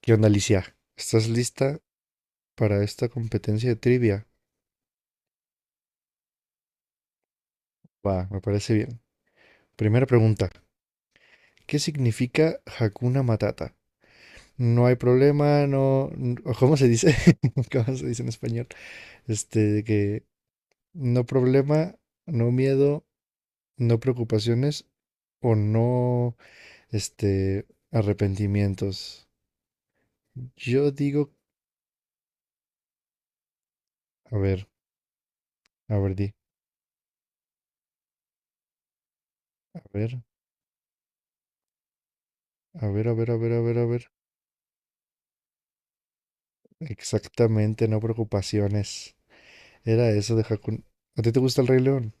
¿Qué onda, Alicia? ¿Estás lista para esta competencia de trivia? Va, me parece bien. Primera pregunta. ¿Qué significa Hakuna Matata? No hay problema, no... n- o ¿cómo se dice? ¿Cómo se dice en español? De que no problema, no miedo, no preocupaciones o no, este, arrepentimientos. Yo digo, a ver, a ver, di, a ver, a ver, a ver, a ver, a ver, a ver. Exactamente, no preocupaciones. Era eso de Hakuna. ¿A ti te gusta el Rey León?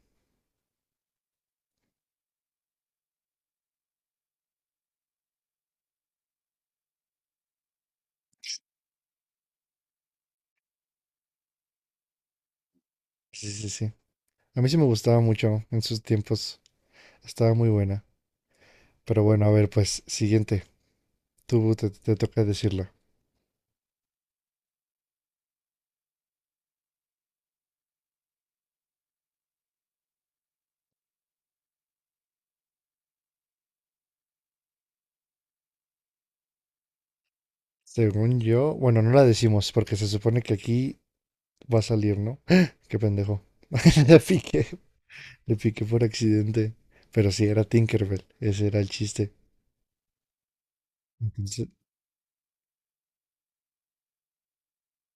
Sí, sí, sí. A mí sí me gustaba mucho en sus tiempos. Estaba muy buena. Pero bueno, a ver, pues, siguiente. Tú te toca decirla. Según yo, bueno, no la decimos porque se supone que aquí va a salir, ¿no? ¡Ah! ¡Qué pendejo! Le piqué, le piqué por accidente. Pero sí, era Tinkerbell. Ese era el chiste. Entonces,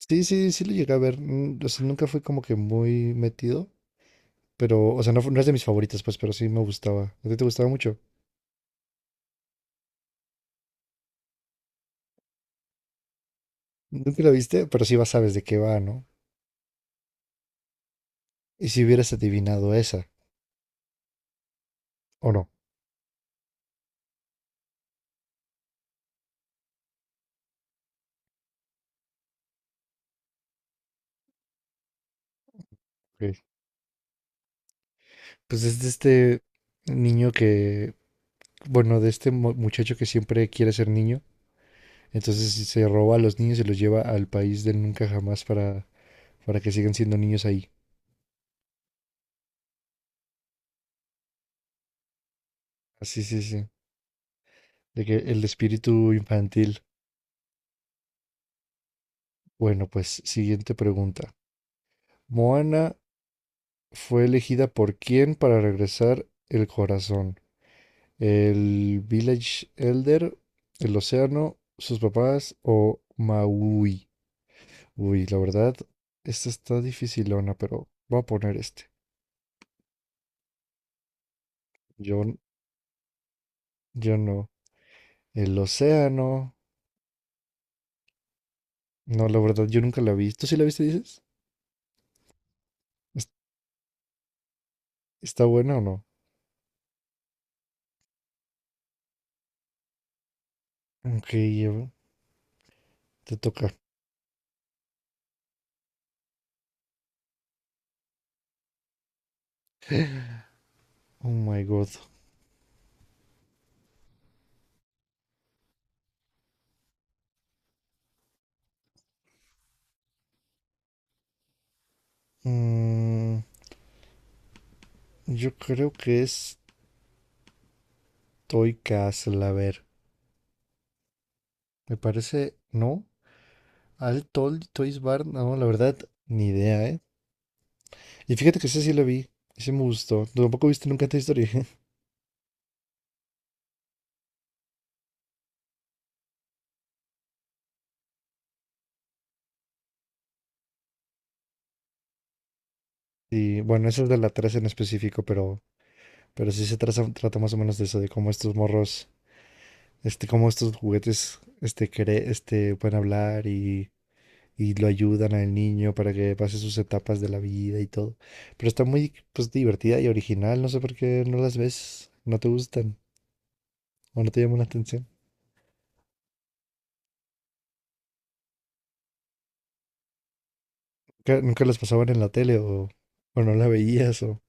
sí, sí, sí lo llegué a ver. O sea, nunca fui como que muy metido. Pero, o sea, no, no es de mis favoritas, pues, pero sí me gustaba. ¿A ti te gustaba mucho? Nunca la viste, pero sí vas sabes de qué va, ¿no? Y si hubieras adivinado esa, ¿o no? Ok. Pues es de este niño que, bueno, de este muchacho que siempre quiere ser niño, entonces se roba a los niños y los lleva al país del nunca jamás para que sigan siendo niños ahí. Así, sí, sí. De que el espíritu infantil. Bueno, pues siguiente pregunta. Moana fue elegida por quién para regresar el corazón. El Village Elder, El Océano, Sus Papás o Maui. Uy, la verdad, esta está dificilona, pero voy a poner este. Yo, yo no. El Océano. No, la verdad, yo nunca la vi. ¿Tú sí la viste, dices? ¿Es- ¿Está buena o no? Ok, ya te toca. Oh my god. Mm, yo creo que es Toy Castle, a ver. Me parece, ¿no? Al Toys Bar, no, la verdad, ni idea, ¿eh? Y fíjate que ese sí lo vi. Ese me gustó. ¿Tú tampoco viste nunca Toy Story? Y bueno, ese es de la 3 en específico, pero sí se trata más o menos de eso, de cómo estos morros, cómo estos juguetes, pueden hablar y lo ayudan al niño para que pase sus etapas de la vida y todo. Pero está muy, pues, divertida y original. No sé por qué no las ves, no te gustan o no te llaman la atención. ¿Nunca las pasaban en la tele o no la veías o...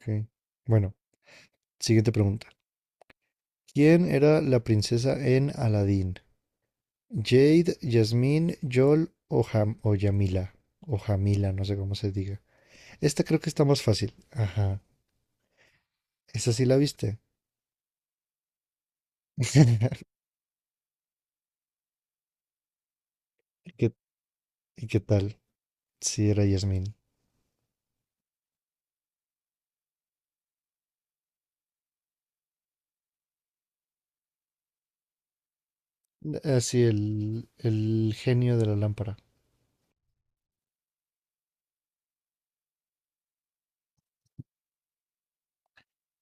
Ok. Bueno, siguiente pregunta. ¿Quién era la princesa en Aladdin? Jade, Jasmine, Yol o, Ham o Yamila. O Jamila, no sé cómo se diga. Esta creo que está más fácil. Ajá. ¿Esa sí la viste? ¿Y qué, y qué tal? Sí, era Jasmine. Así el genio de la lámpara.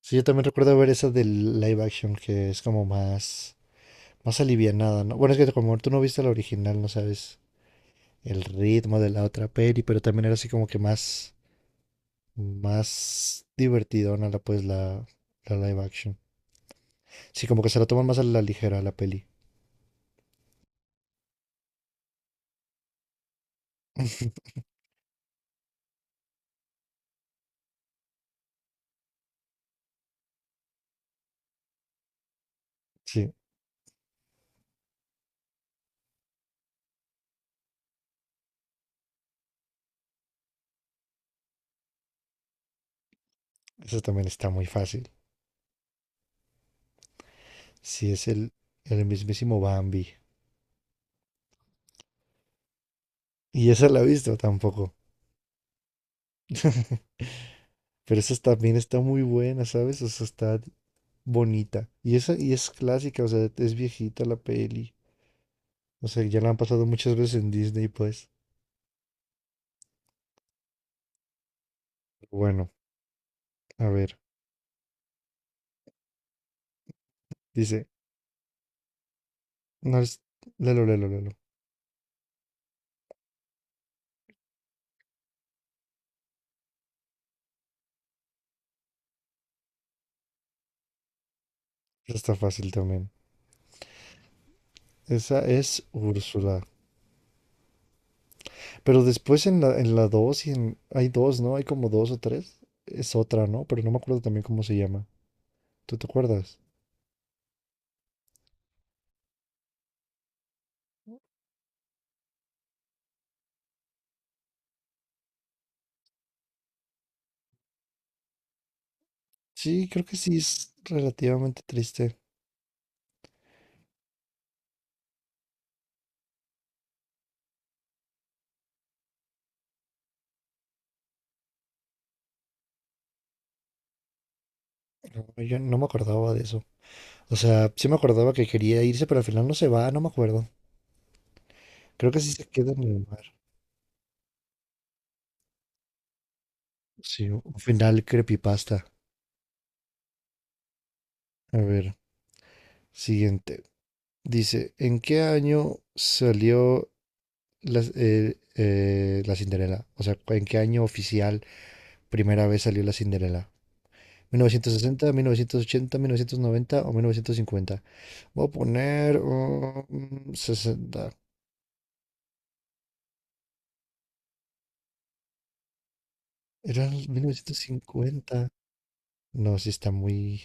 Sí, yo también recuerdo ver esa del live action que es como más alivianada, ¿no? Bueno, es que como tú no viste la original, no sabes el ritmo de la otra peli, pero también era así como que más divertidona la pues la live action. Sí, como que se la toman más a la ligera la peli. Sí, eso también está muy fácil. Sí, es el mismísimo Bambi. Y esa la he visto tampoco. Pero esa también está muy buena, ¿sabes? O sea, está bonita. Y esa y es clásica, o sea, es viejita la peli. O sea, ya la han pasado muchas veces en Disney, pues. Bueno, a ver. Dice, no es... Lelo, lelo, lelo. Esa está fácil también. Esa es Úrsula. Pero después en la 2 y en, hay dos, ¿no? Hay como dos o tres. Es otra, ¿no? Pero no me acuerdo también cómo se llama. ¿Tú te acuerdas? Sí, creo que sí es relativamente triste. No, yo no me acordaba de eso. O sea, sí me acordaba que quería irse, pero al final no se va, no me acuerdo. Creo que sí se queda en el mar. Sí, un final creepypasta. A ver, siguiente. Dice, ¿en qué año salió la, la Cinderela? O sea, ¿en qué año oficial primera vez salió la Cinderela? Mil novecientos sesenta, 1980, 1990 o 1950. Voy a poner 60. Era el 1950. No, sí está muy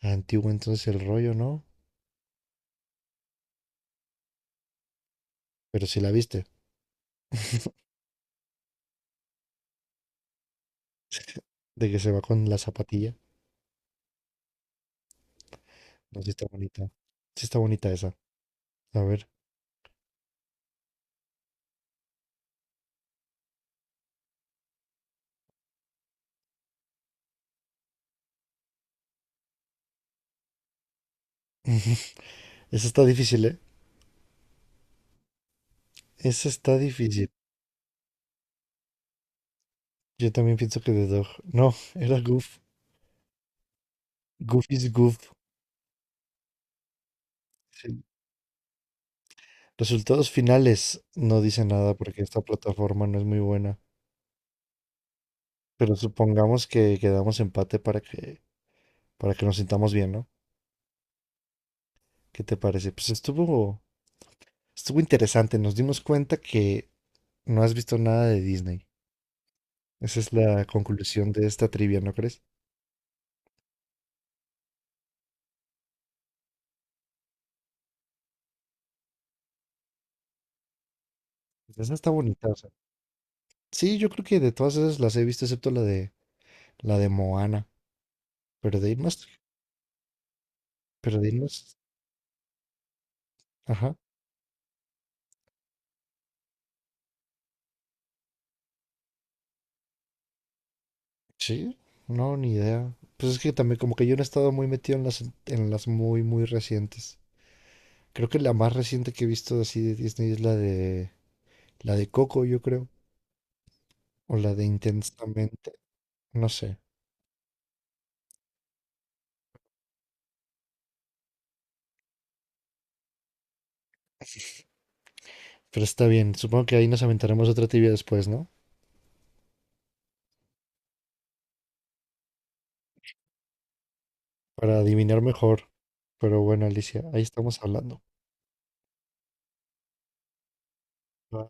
antiguo entonces el rollo, ¿no? Pero sí la viste. De que se va con la zapatilla. No, sí está bonita. Sí está bonita esa. A ver. Esa está difícil, ¿eh? Esa está difícil. Yo también pienso que The Dog. No, era Goof. Goof is Goof. Sí. Resultados finales. No dice nada porque esta plataforma no es muy buena. Pero supongamos que quedamos empate para que nos sintamos bien, ¿no? ¿Qué te parece? Pues estuvo interesante. Nos dimos cuenta que no has visto nada de Disney. Esa es la conclusión de esta trivia, ¿no crees? Pues esa está bonita, o sea. Sí, yo creo que de todas esas las he visto, excepto la de Moana. Pero de irnos, pero de irnos. Ajá. Sí, no, ni idea. Pues es que también como que yo no he estado muy metido en las muy, muy recientes. Creo que la más reciente que he visto así de Disney es la de Coco, yo creo. O la de Intensamente. No sé. Pero está bien. Supongo que ahí nos aventaremos otra tibia después, ¿no? Para adivinar mejor. Pero bueno, Alicia, ahí estamos hablando. Bye.